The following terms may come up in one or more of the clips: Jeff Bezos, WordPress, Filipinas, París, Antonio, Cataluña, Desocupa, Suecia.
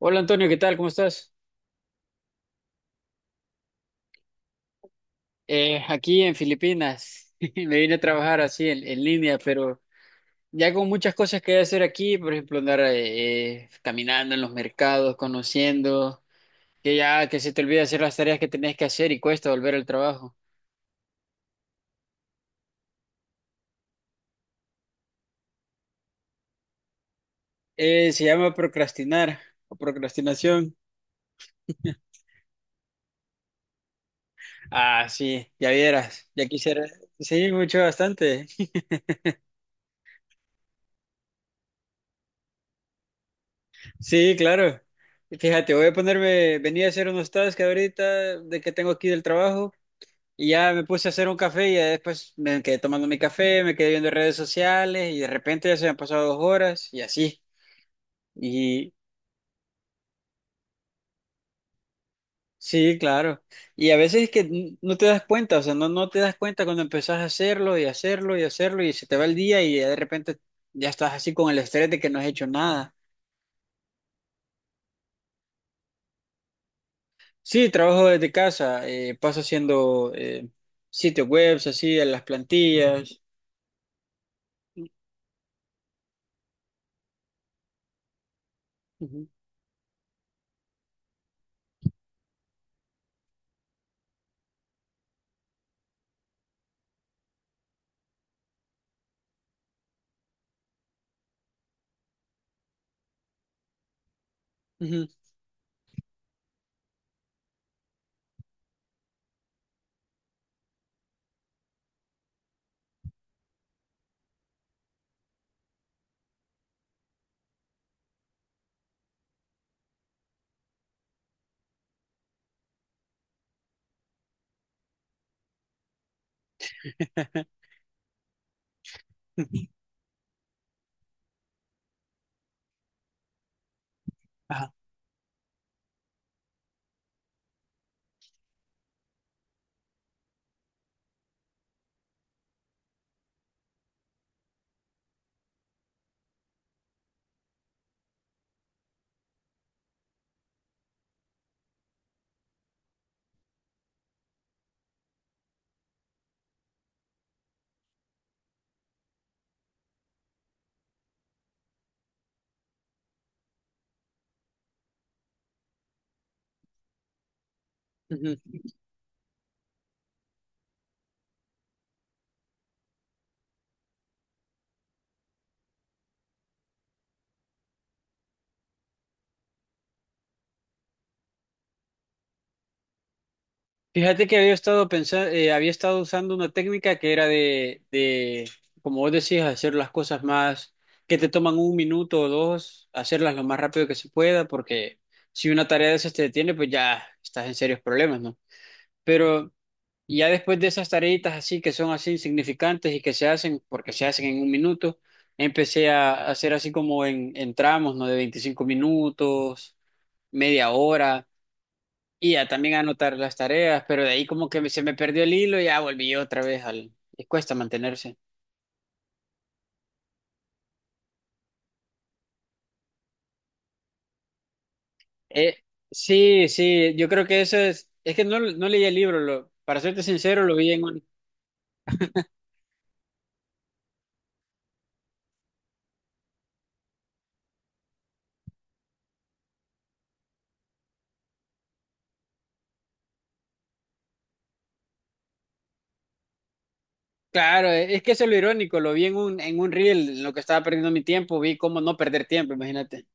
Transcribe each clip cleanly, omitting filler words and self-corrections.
Hola Antonio, ¿qué tal? ¿Cómo estás? Aquí en Filipinas. Me vine a trabajar así en línea, pero ya con muchas cosas que hacer aquí, por ejemplo, andar caminando en los mercados, conociendo, que ya que se te olvida hacer las tareas que tenías que hacer y cuesta volver al trabajo. Se llama procrastinar o procrastinación. Ah, sí, ya vieras, ya quisiera. Sí, mucho, bastante. Sí, claro. Fíjate, voy a ponerme, venía a hacer unos tasks ahorita de que tengo aquí del trabajo. Y ya me puse a hacer un café y ya después me quedé tomando mi café, me quedé viendo redes sociales y de repente ya se me han pasado dos horas y así. Y sí, claro. Y a veces es que no te das cuenta, o sea, no te das cuenta cuando empezás a hacerlo y hacerlo y hacerlo y se te va el día y ya de repente ya estás así con el estrés de que no has hecho nada. Sí, trabajo desde casa, paso haciendo sitios webs, así, en las plantillas. Ujú, ujú. Ajá. Fíjate que había estado pensando, había estado usando una técnica que era como vos decís, hacer las cosas más que te toman un minuto o dos, hacerlas lo más rápido que se pueda, porque si una tarea de esas te detiene, pues ya estás en serios problemas, ¿no? Pero ya después de esas tareitas así que son así insignificantes y que se hacen porque se hacen en un minuto, empecé a hacer así como en tramos, ¿no? De 25 minutos, media hora y ya también anotar las tareas, pero de ahí como que se me perdió el hilo y ya volví otra vez al... Y cuesta mantenerse. Eh, sí, sí, yo creo que eso es... Es que no leí el libro, lo, para serte sincero, lo vi en un... Claro, es que eso es lo irónico, lo vi en un reel, en lo que estaba perdiendo mi tiempo, vi cómo no perder tiempo, imagínate.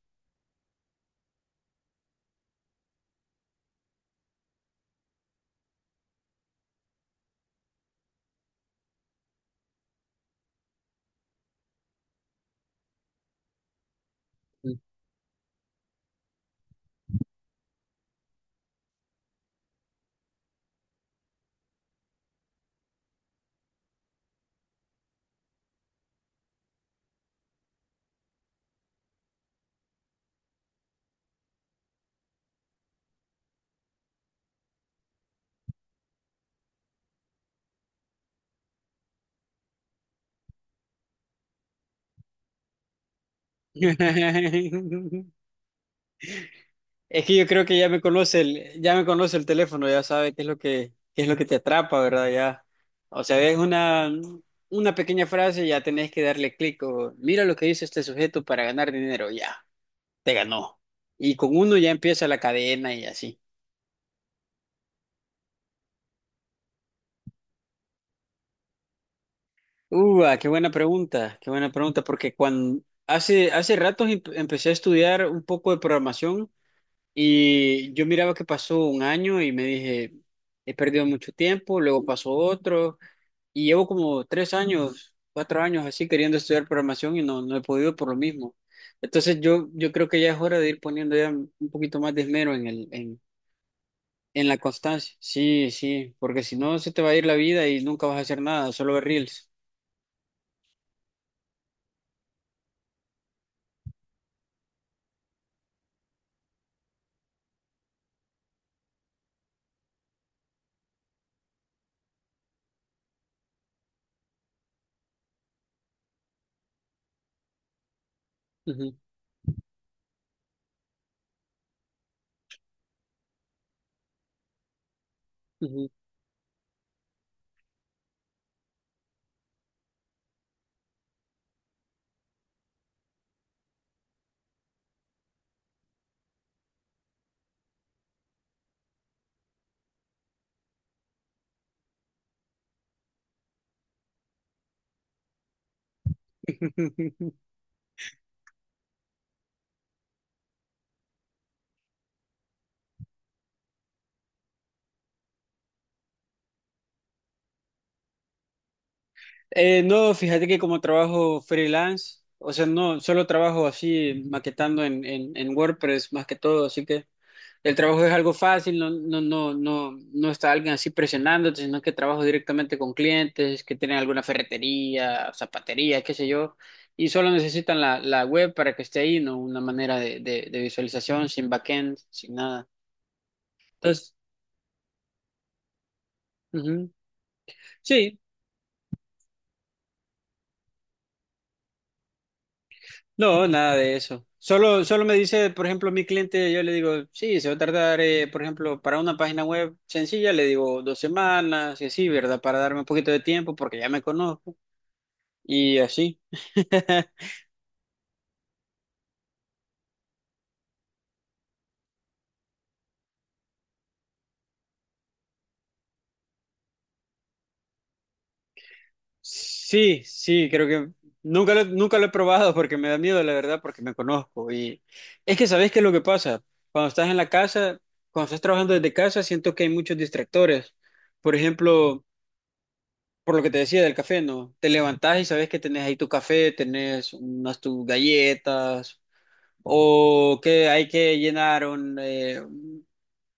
Es que yo creo que ya me conoce el, ya me conoce el teléfono, ya sabe qué es lo que, qué es lo que te atrapa, ¿verdad? Ya. O sea, es una pequeña frase y ya tenés que darle clic o mira lo que dice este sujeto para ganar dinero, ya, te ganó. Y con uno ya empieza la cadena y así. Ah, qué buena pregunta, porque cuando hace, hace ratos empecé a estudiar un poco de programación y yo miraba que pasó un año y me dije, he perdido mucho tiempo, luego pasó otro. Y llevo como tres años, cuatro años así queriendo estudiar programación y no he podido por lo mismo. Entonces yo creo que ya es hora de ir poniendo ya un poquito más de esmero en en la constancia. Sí, sí, porque si no se te va a ir la vida y nunca vas a hacer nada, solo ver reels. Ujú, ujú. No, fíjate que como trabajo freelance, o sea, no, solo trabajo así maquetando en WordPress más que todo, así que el trabajo es algo fácil, no, no, no, no, no está alguien así presionándote, sino que trabajo directamente con clientes que tienen alguna ferretería, zapatería, qué sé yo, y solo necesitan la web para que esté ahí, no una manera de visualización, sin backend, sin nada. Entonces, ujú. Sí, no, nada de eso. Solo, solo me dice, por ejemplo, mi cliente, yo le digo, sí, se va a tardar, por ejemplo, para una página web sencilla, le digo dos semanas y así, ¿verdad? Para darme un poquito de tiempo porque ya me conozco. Y así. Sí, sí, creo que nunca lo, nunca lo he probado porque me da miedo, la verdad, porque me conozco. Y es que sabes qué es lo que pasa. Cuando estás en la casa, cuando estás trabajando desde casa, siento que hay muchos distractores. Por ejemplo, por lo que te decía del café, ¿no? Te levantás y sabes que tenés ahí tu café, tenés unas tus galletas, o que hay que llenar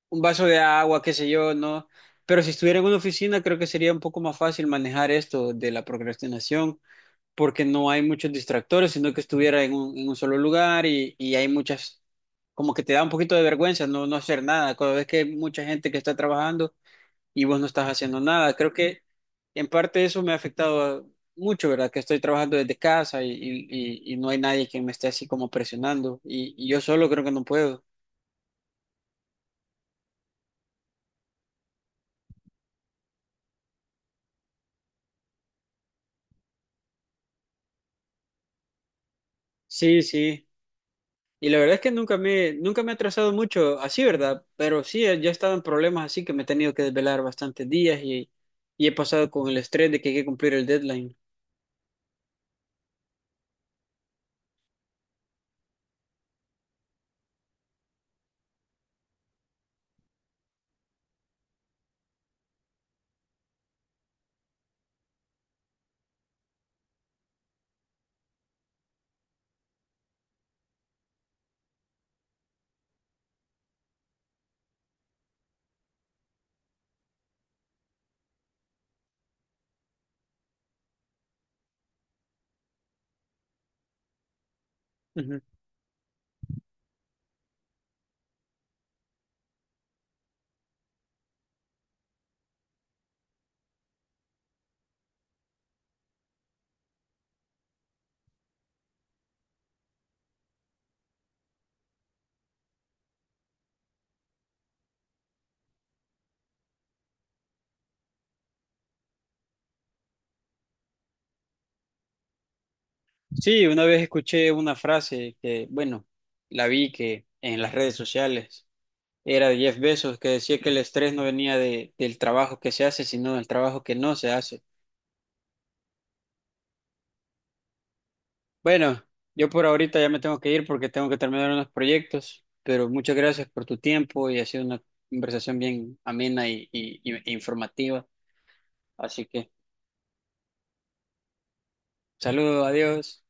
un vaso de agua, qué sé yo, ¿no? Pero si estuviera en una oficina, creo que sería un poco más fácil manejar esto de la procrastinación, porque no hay muchos distractores, sino que estuviera en un solo lugar y hay muchas, como que te da un poquito de vergüenza no hacer nada, cuando ves que hay mucha gente que está trabajando y vos no estás haciendo nada. Creo que en parte eso me ha afectado mucho, ¿verdad? Que estoy trabajando desde casa y y no hay nadie que me esté así como presionando y yo solo creo que no puedo. Sí, sí. Y la verdad es que nunca me, nunca me he atrasado mucho así, ¿verdad? Pero sí, ya he estado en problemas así que me he tenido que desvelar bastantes días y he pasado con el estrés de que hay que cumplir el deadline. Ujú. Sí, una vez escuché una frase que, bueno, la vi que en las redes sociales era de Jeff Bezos que decía que el estrés no venía del trabajo que se hace, sino del trabajo que no se hace. Bueno, yo por ahorita ya me tengo que ir porque tengo que terminar unos proyectos, pero muchas gracias por tu tiempo y ha sido una conversación bien amena e informativa. Así que, saludos, adiós.